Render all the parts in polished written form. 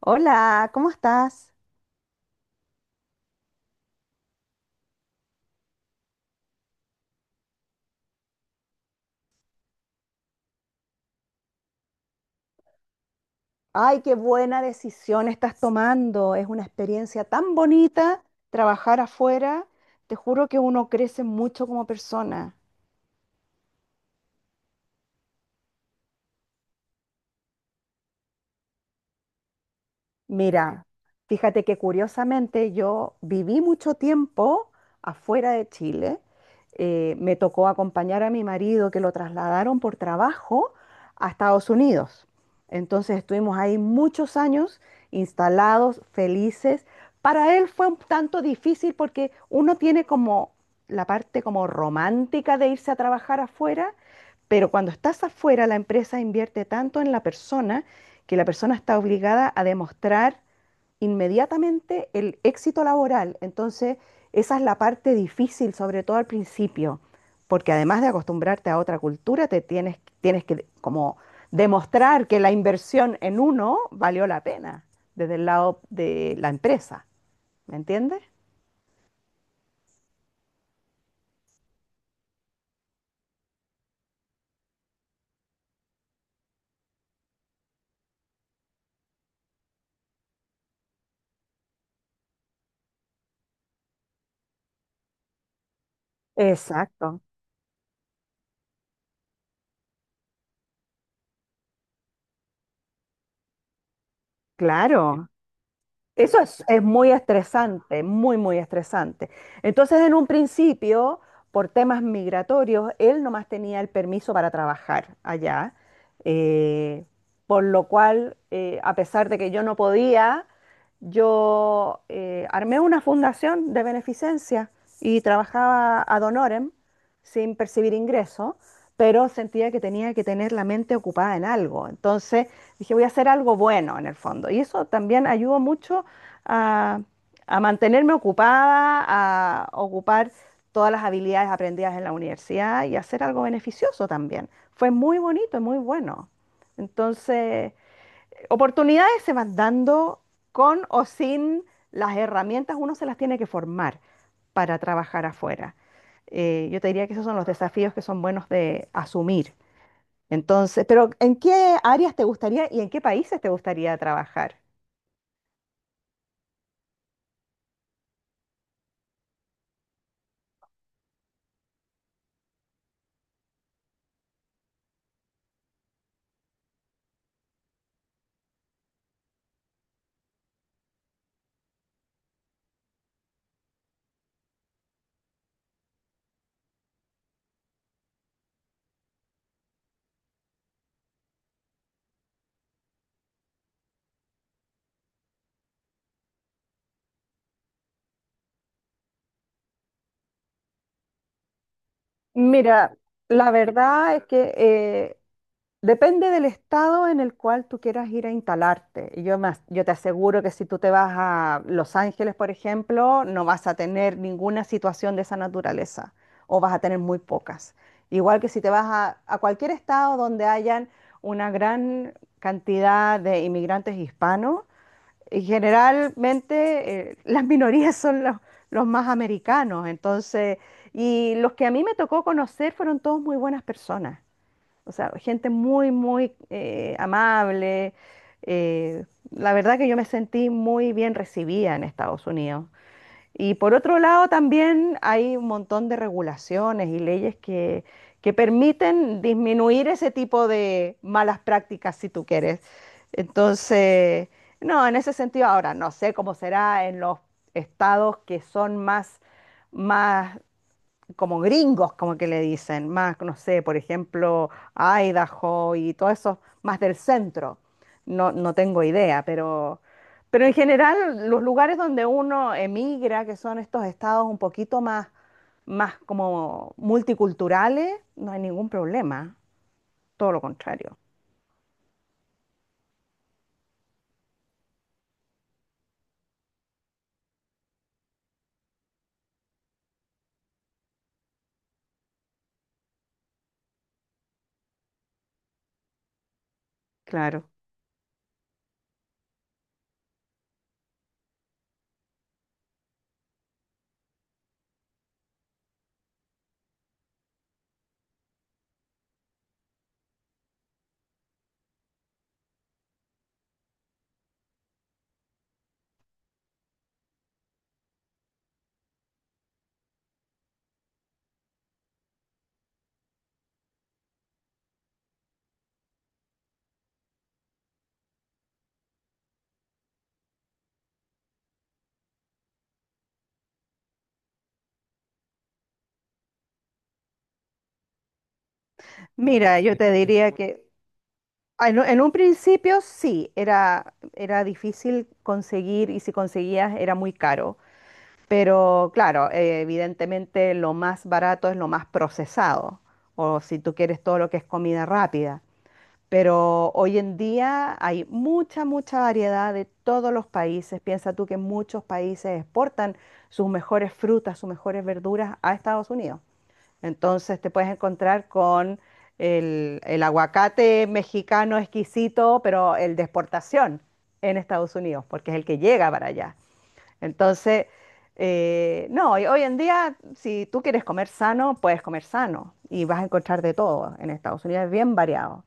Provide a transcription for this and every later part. Hola, ¿cómo estás? Ay, qué buena decisión estás tomando. Es una experiencia tan bonita trabajar afuera. Te juro que uno crece mucho como persona. Mira, fíjate que curiosamente yo viví mucho tiempo afuera de Chile. Me tocó acompañar a mi marido que lo trasladaron por trabajo a Estados Unidos. Entonces estuvimos ahí muchos años instalados, felices. Para él fue un tanto difícil porque uno tiene como la parte como romántica de irse a trabajar afuera, pero cuando estás afuera la empresa invierte tanto en la persona que la persona está obligada a demostrar inmediatamente el éxito laboral. Entonces, esa es la parte difícil, sobre todo al principio, porque además de acostumbrarte a otra cultura, tienes que como demostrar que la inversión en uno valió la pena desde el lado de la empresa. ¿Me entiendes? Exacto. Claro. Eso es muy estresante, muy estresante. Entonces, en un principio, por temas migratorios, él nomás tenía el permiso para trabajar allá, eh, por lo cual, a pesar de que yo no podía, yo armé una fundación de beneficencia y trabajaba ad honorem sin percibir ingreso, pero sentía que tenía que tener la mente ocupada en algo. Entonces, dije, voy a hacer algo bueno en el fondo. Y eso también ayudó mucho a, a mantenerme ocupada, a ocupar todas las habilidades aprendidas en la universidad y hacer algo beneficioso también. Fue muy bonito y muy bueno. Entonces, oportunidades se van dando con o sin las herramientas, uno se las tiene que formar para trabajar afuera. Yo te diría que esos son los desafíos que son buenos de asumir. Entonces, pero ¿en qué áreas te gustaría y en qué países te gustaría trabajar? Mira, la verdad es que depende del estado en el cual tú quieras ir a instalarte. Y yo, yo te aseguro que si tú te vas a Los Ángeles, por ejemplo, no vas a tener ninguna situación de esa naturaleza o vas a tener muy pocas. Igual que si te vas a cualquier estado donde hayan una gran cantidad de inmigrantes hispanos, y generalmente las minorías son los más americanos, entonces, y los que a mí me tocó conocer fueron todos muy buenas personas, o sea, gente muy amable. eh, la verdad que yo me sentí muy bien recibida en Estados Unidos. Y por otro lado, también hay un montón de regulaciones y leyes que permiten disminuir ese tipo de malas prácticas, si tú quieres. Entonces, no, en ese sentido, ahora no sé cómo será en los estados que son más, más como gringos, como que le dicen, más, no sé, por ejemplo, Idaho y todo eso, más del centro. No, no tengo idea, pero en general los lugares donde uno emigra, que son estos estados un poquito más, más como multiculturales, no hay ningún problema, todo lo contrario. Claro. Mira, yo te diría que, en un principio sí, era difícil conseguir y si conseguías era muy caro. Pero claro, evidentemente lo más barato es lo más procesado, o si tú quieres todo lo que es comida rápida. Pero hoy en día hay mucha variedad de todos los países. Piensa tú que muchos países exportan sus mejores frutas, sus mejores verduras a Estados Unidos. Entonces te puedes encontrar con el aguacate mexicano exquisito, pero el de exportación en Estados Unidos, porque es el que llega para allá. Entonces, no, y hoy en día, si tú quieres comer sano, puedes comer sano y vas a encontrar de todo en Estados Unidos, es bien variado.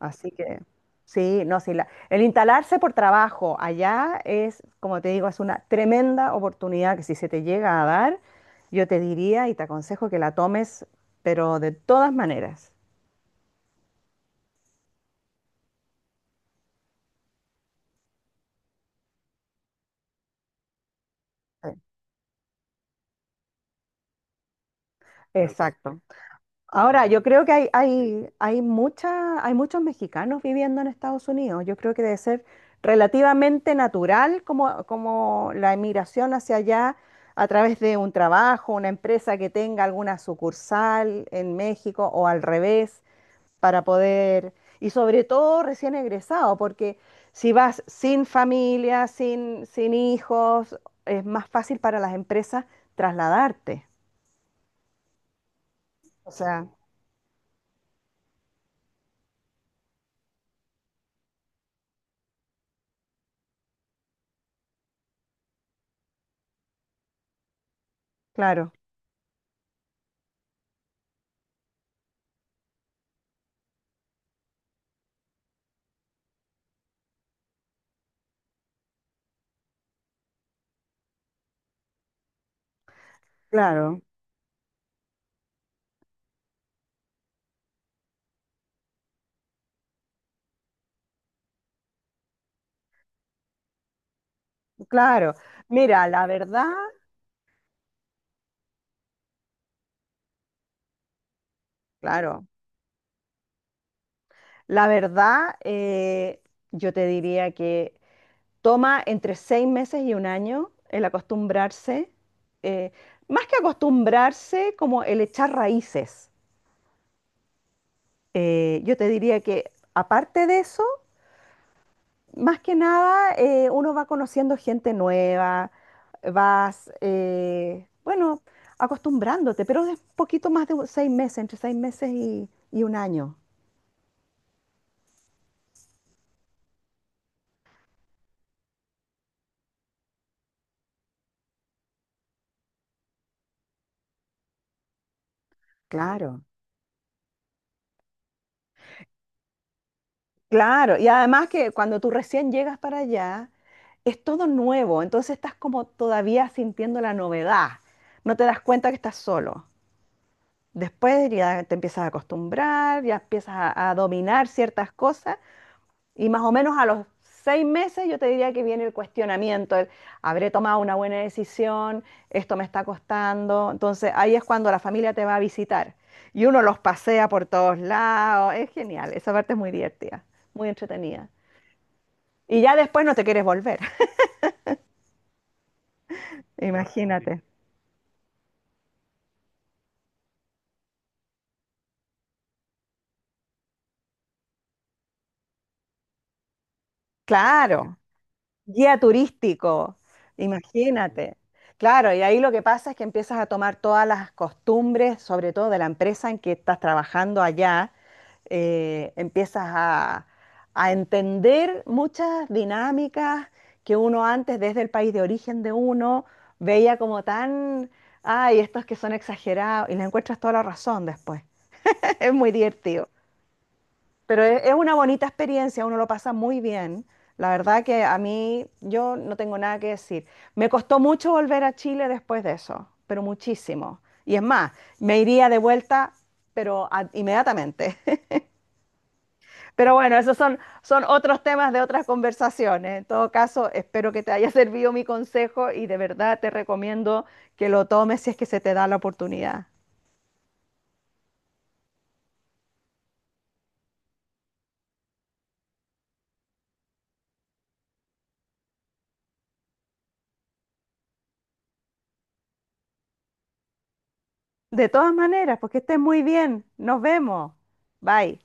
Así que sí, no, sí, el instalarse por trabajo allá es, como te digo, es una tremenda oportunidad que si se te llega a dar, yo te diría y te aconsejo que la tomes, pero de todas maneras. Sí. Exacto. Ahora, yo creo que hay muchos mexicanos viviendo en Estados Unidos. Yo creo que debe ser relativamente natural como, como la emigración hacia allá a través de un trabajo, una empresa que tenga alguna sucursal en México o al revés, para poder, y sobre todo recién egresado, porque si vas sin familia, sin hijos, es más fácil para las empresas trasladarte. O sea, claro, claro. Claro, mira, la verdad, claro, la verdad, yo te diría que toma entre 6 meses y 1 año el acostumbrarse, eh, más que acostumbrarse, como el echar raíces. Yo te diría que aparte de eso, más que nada, uno va conociendo gente nueva, vas, bueno, acostumbrándote, pero es poquito más de 6 meses, entre seis meses y 1 año. Claro. Claro, y además que cuando tú recién llegas para allá, es todo nuevo, entonces estás como todavía sintiendo la novedad, no te das cuenta que estás solo. Después ya te empiezas a acostumbrar, ya empiezas a dominar ciertas cosas y más o menos a los 6 meses yo te diría que viene el cuestionamiento, el, habré tomado una buena decisión, esto me está costando, entonces ahí es cuando la familia te va a visitar y uno los pasea por todos lados, es genial, esa parte es muy divertida, muy entretenida. Y ya después no te quieres volver. Imagínate. Claro, guía turístico. Imagínate. Claro, y ahí lo que pasa es que empiezas a tomar todas las costumbres, sobre todo de la empresa en que estás trabajando allá, empiezas a entender muchas dinámicas que uno antes, desde el país de origen de uno, veía como tan, ay, estos que son exagerados, y le encuentras toda la razón después. Es muy divertido. Pero es una bonita experiencia, uno lo pasa muy bien. La verdad que a mí yo no tengo nada que decir. Me costó mucho volver a Chile después de eso, pero muchísimo. Y es más, me iría de vuelta, pero inmediatamente. Pero bueno, son otros temas de otras conversaciones. En todo caso, espero que te haya servido mi consejo y de verdad te recomiendo que lo tomes si es que se te da la oportunidad. De todas maneras, pues que estés muy bien. Nos vemos. Bye.